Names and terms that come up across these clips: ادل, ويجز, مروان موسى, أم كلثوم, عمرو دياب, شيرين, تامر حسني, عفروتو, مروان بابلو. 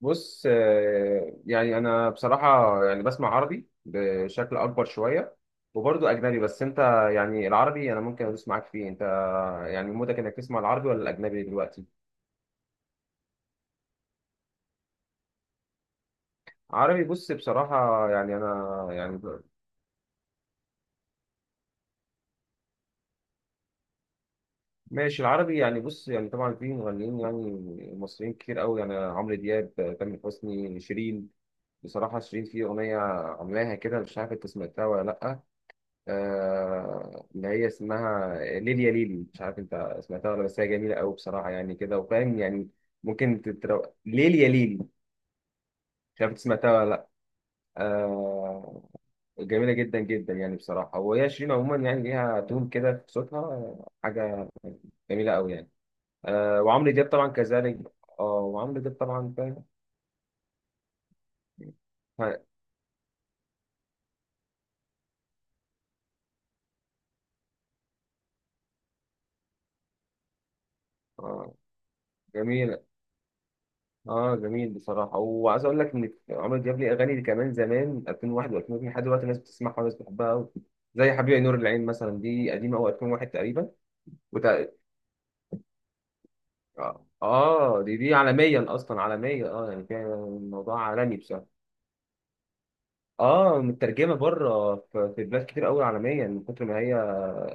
بص يعني انا بصراحه يعني بسمع عربي بشكل اكبر شويه وبرضه اجنبي بس انت يعني العربي انا ممكن ادوس معاك فيه انت يعني مودك انك تسمع العربي ولا الاجنبي دلوقتي. عربي بص بصراحه يعني انا يعني ماشي العربي يعني بص يعني طبعا في مغنيين يعني مصريين كتير قوي يعني عمرو دياب تامر حسني شيرين. بصراحه شيرين في اغنيه عاملاها كده مش عارف انت سمعتها ولا لا. اللي هي اسمها ليليا ليلي مش عارف انت سمعتها ولا بس هي جميله قوي بصراحه يعني كده وفاهم يعني. ليليا ليلي مش عارف انت سمعتها ولا لا. آه، جميله جدا جدا يعني بصراحه وهي شيرين عموما يعني ليها تون كده في صوتها، حاجه جميله قوي يعني. آه، وعمرو دياب طبعا كذلك. اه وعمرو دياب طبعا فاهم. آه، جميل. اه جميل بصراحه وعايز اقول لك ان عمرو دياب ليه اغاني كمان زمان 2001 و2002 لحد دلوقتي الناس بتسمعها والناس بتحبها قوي. زي حبيبي يا نور العين مثلا دي قديمه قوي 2001 تقريبا. وتق... اه آه، دي عالميا اصلا عالميه اه يعني فيها الموضوع عالمي بصراحه. اه مترجمه بره في بلاد كتير قوي عالميا من كتر ما هي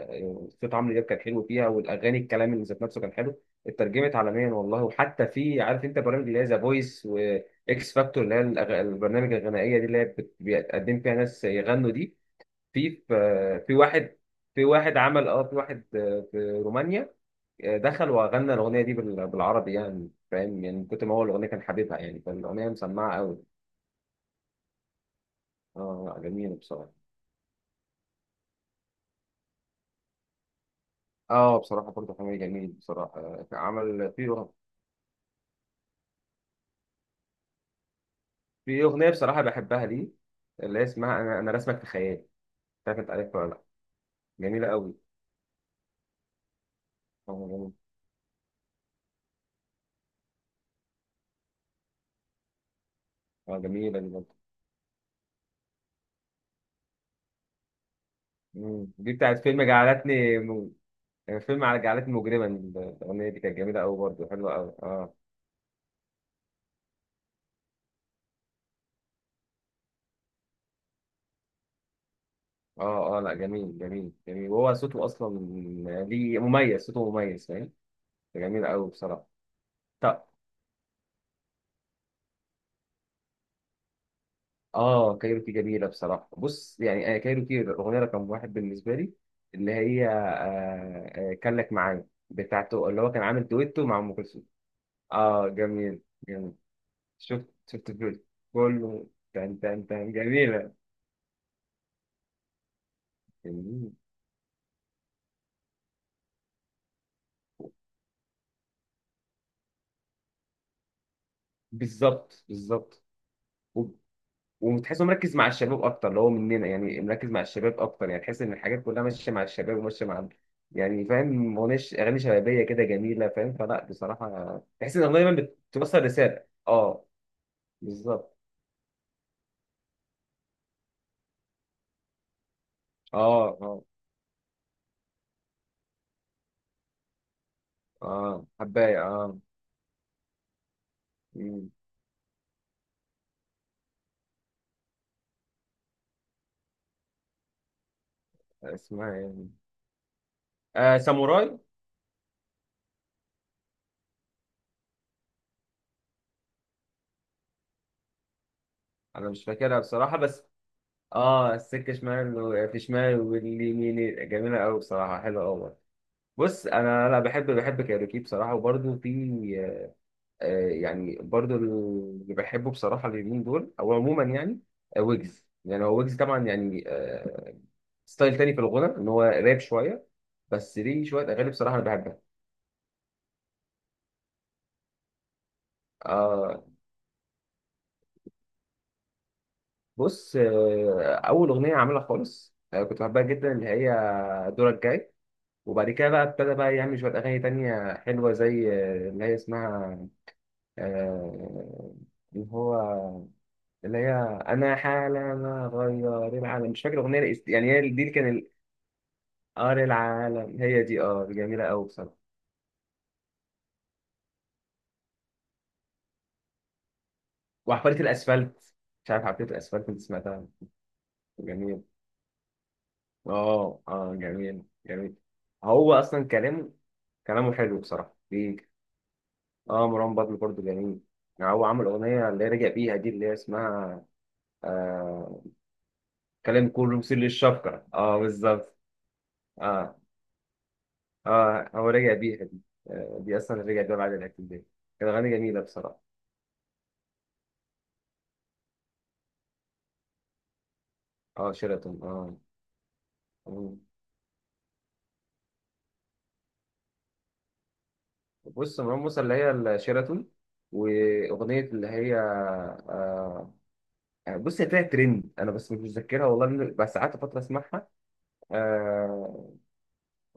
يعني صوت عمرو دياب كان حلو فيها والاغاني الكلام اللي ذات نفسه كان حلو اترجمت عالميا والله. وحتى في عارف انت برامج اللي هي ذا فويس واكس فاكتور اللي هي البرنامج الغنائيه دي اللي هي بيقدم فيها ناس يغنوا دي. في في في واحد في واحد عمل اه في واحد آه، في رومانيا، آه، دخل وغنى الاغنيه دي بالعربي يعني فاهم يعني من كتر ما هو الاغنيه كان حبيبها يعني فالاغنيه مسمعه قوي. اه جميله بصراحه. اه بصراحة برضه حميد جميل بصراحة كان عمل في أغنية بصراحة بحبها ليه اللي هي اسمها أنا رسمك في خيالي مش عارف أنت عارفها ولا لأ. جميلة أوي. اه آه، جميلة دي برضه. دي بتاعت يعني فيلم على جعلتني مجرما. الأغنية دي كانت جميلة أوي برضه حلوة أوي اه اه. اه لا جميل وهو صوته أصلا ليه مميز، صوته مميز فاهم. جميل أوي بصراحة. طب اه كايروكي جميله بصراحه. بص يعني آه كايروكي الاغنيه رقم واحد بالنسبه لي، اللي هي كان لك معايا بتاعته اللي هو كان عامل دويتو مع ام كلثوم. اه جميل. شفت الفيديو كله. تن تن تن جميله. جميل. بالظبط. وتحسه مركز مع الشباب اكتر اللي هو مننا، يعني مركز مع الشباب اكتر، يعني تحس ان الحاجات كلها ماشيه مع الشباب وماشيه مع، يعني فاهم، مغنيش اغاني شبابيه كده جميله فاهم فلا بصراحه تحس ان الاغنيه دايما بتوصل رساله. اه بالظبط. اه اه. اه حبايه اه. مم. اسمها يعني آه ساموراي. انا مش فاكرها بصراحه بس. اه السكه شمال في شمال واليمين، جميله قوي بصراحه حلوه قوي. بص انا لا بحب كايروكي بصراحه. وبرده في آه، يعني برضو اللي بحبه بصراحة اليومين دول أو عموما يعني، آه، ويجز. يعني ويجز طبعا يعني آه، ستايل تاني في الغنى إن هو راب شوية بس ليه شوية أغاني بصراحة أنا بحبها. آه بص آه، أول أغنية عاملها خالص آه، كنت بحبها جدا اللي هي دورك جاي. وبعد كده بقى ابتدى بقى يعمل شوية أغاني تانية حلوة زي آه، اللي هي اسمها آه، اللي هو اللي هي انا حالة ما غير العالم. مش فاكر الاغنيه يعني هي دي اللي كان ار العالم. هي دي، اه جميله قوي بصراحه. وعبقريه الاسفلت، مش عارف عبقريه الاسفلت انت سمعتها. جميل. اه اه جميل. هو اصلا كلام، كلامه حلو بصراحه ليك. اه مروان بابلو برضه جميل. يعني هو عمل اغنيه اللي رجع بيها دي اللي هي اسمها آه كلام كله مثير للشفقه. اه بالظبط. اه اه هو رجع بيها دي. آه دي اصلا رجع بيها بعد الاعتداء. كانت اغاني جميله بصراحه. اه شيراتون اه. آه. بص مروان موسى اللي هي الشيراتون، واغنيه اللي هي آه بص هي طلعت ترند انا بس مش متذكرها والله، لأن بس قعدت فتره اسمعها آه.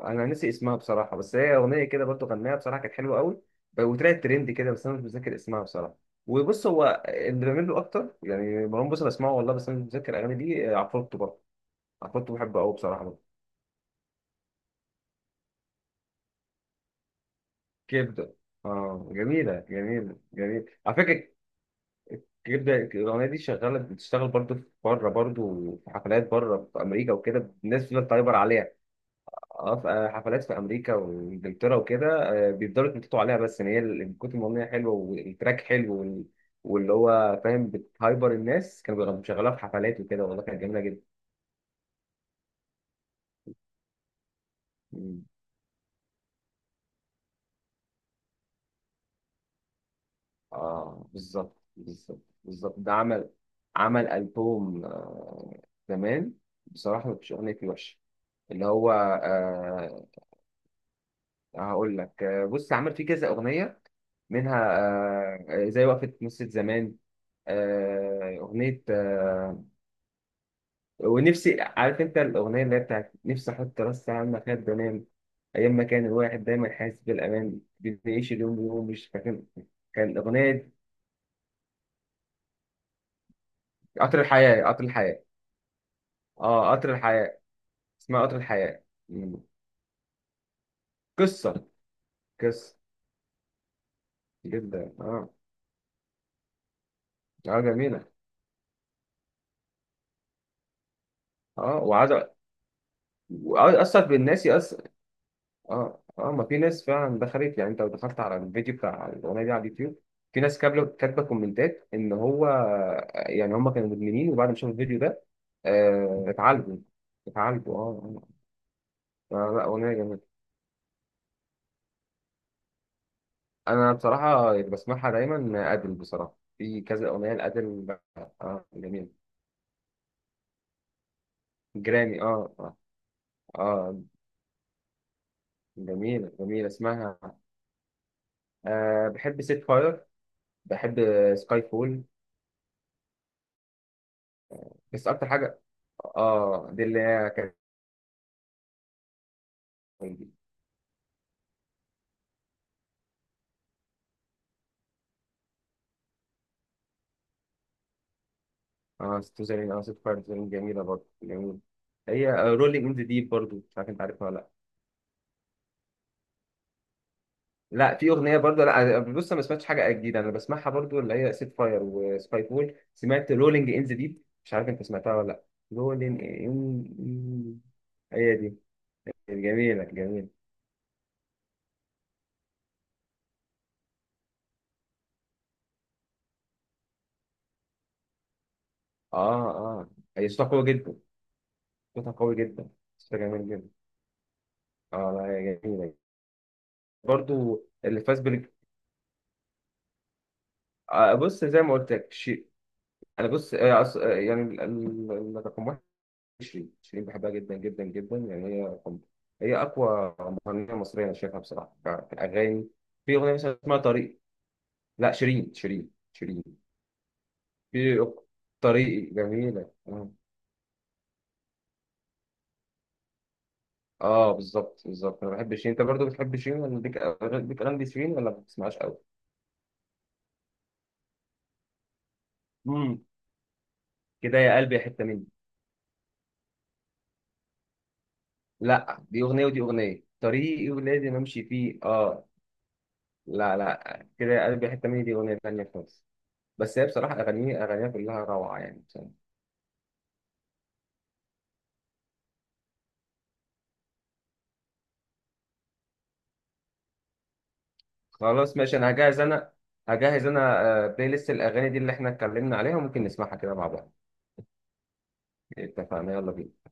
انا ناسي اسمها بصراحه، بس هي اغنيه كده برضو غناها بصراحه كانت حلوه قوي وطلعت ترند كده بس انا مش متذكر اسمها بصراحه. وبص هو اللي بعمل له اكتر يعني مروان موسى بسمعه والله بس انا مش متذكر اغاني دي. آه، عفروتو برضه. عفروتو بحبه قوي بصراحه برضه. كبده، اه جميله على فكره. غير ده الأغنية دي شغالة، بتشتغل برضه في بره برضه، في حفلات بره في أمريكا وكده، الناس بتفضل تعبر عليها. اه في آه، حفلات في أمريكا وإنجلترا وكده، آه، بيفضلوا يتنططوا عليها، بس إن هي من كتر ما الأغنية حلوة والتراك حلو واللي هو فاهم بتهايبر، الناس كانوا بيشغلوها في حفلات وكده والله، كانت جميلة جدا. مم. اه بالظبط ده عمل، عمل ألبوم آه، زمان، بصراحة مفيش أغنية فيه وحشة. اللي هو آه، هقول لك آه، بص عمل فيه كذا اغنيه منها آه، آه، زي وقفه نص زمان، آه، اغنيه آه، ونفسي عارف انت الاغنيه اللي هي بتاعت نفسي احط راسي على المخده وانام ايام ما كان الواحد دايما حاسس بالامان بنعيش اليوم بيوم. مش فاكر كان اغنيه قطر الحياه. اه قطر الحياه. اسمها قطر الحياه. مم. قصه قصه جدا. اه اه جميله. اه وعايز اثر بالناس. اه اه ما في ناس فعلا دخلت، يعني انت لو دخلت على الفيديو بتاع الاغنيه دي على اليوتيوب، في ناس كاتبه كومنتات ان هو يعني هم كانوا مدمنين، وبعد ما شافوا الفيديو ده آه اتعالجوا. اتعالجوا اه. آه. آه، لا اغنيه جميله. انا بصراحه اللي بسمعها دايما ادل بصراحه، في كذا اغنيه لادل. اه جميل. جرامي اه اه. آه، جميله اسمها آه بحب سيت فاير، بحب سكاي فول بس اكتر حاجه. اه دي اللي هي كانت اه ست زرين اه ست فاير زرين، جميلة برضه جميلة. هي رولينج ان ذا ديب برضه، مش عارف انت عارفها ولا لا. لا في اغنية برضه لا آه، بص أنا ما سمعتش حاجة جديدة، انا بسمعها برضه اللي هي ست فاير وسبايك وول. سمعت رولينج ان ذا ديب مش عارف انت سمعتها ولا لا. رولينج ان، هي دي، جميلة جميلة. اه اه هي صوتها قوي جدا، صوتها قوي جدا، صوتها جميل جدا. اه لا هي جميلة. برضو اللي فاز بال آه بص زي ما قلت لك شيء انا بص يعني رقم واحد شيرين بحبها جدا جدا جدا. يعني هي رقم، هي اقوى مغنيه مصريه انا شايفها بصراحه في الاغاني. في اغنيه مثلا اسمها طريق، لا شيرين. في أغ- طريقي جميله اه. آه، بالظبط بالظبط انا بحب شيرين. انت برضو بتحب شيرين ولا ليك ليك اغاني شيرين ولا ما بتسمعهاش قوي؟ امم. كده يا قلبي يا حته مني. لا دي اغنيه، ودي اغنيه طريقي ولازم امشي فيه اه. لا لا، كده يا قلبي يا حته مني دي اغنيه ثانيه خالص. بس هي بصراحه اغانيها كلها روعه يعني. خلاص ماشي انا هجهز. انا هجهز آه، بلاي ليست الاغاني دي اللي احنا اتكلمنا عليها، وممكن نسمعها كده مع بعض. اتفقنا، يلا بينا.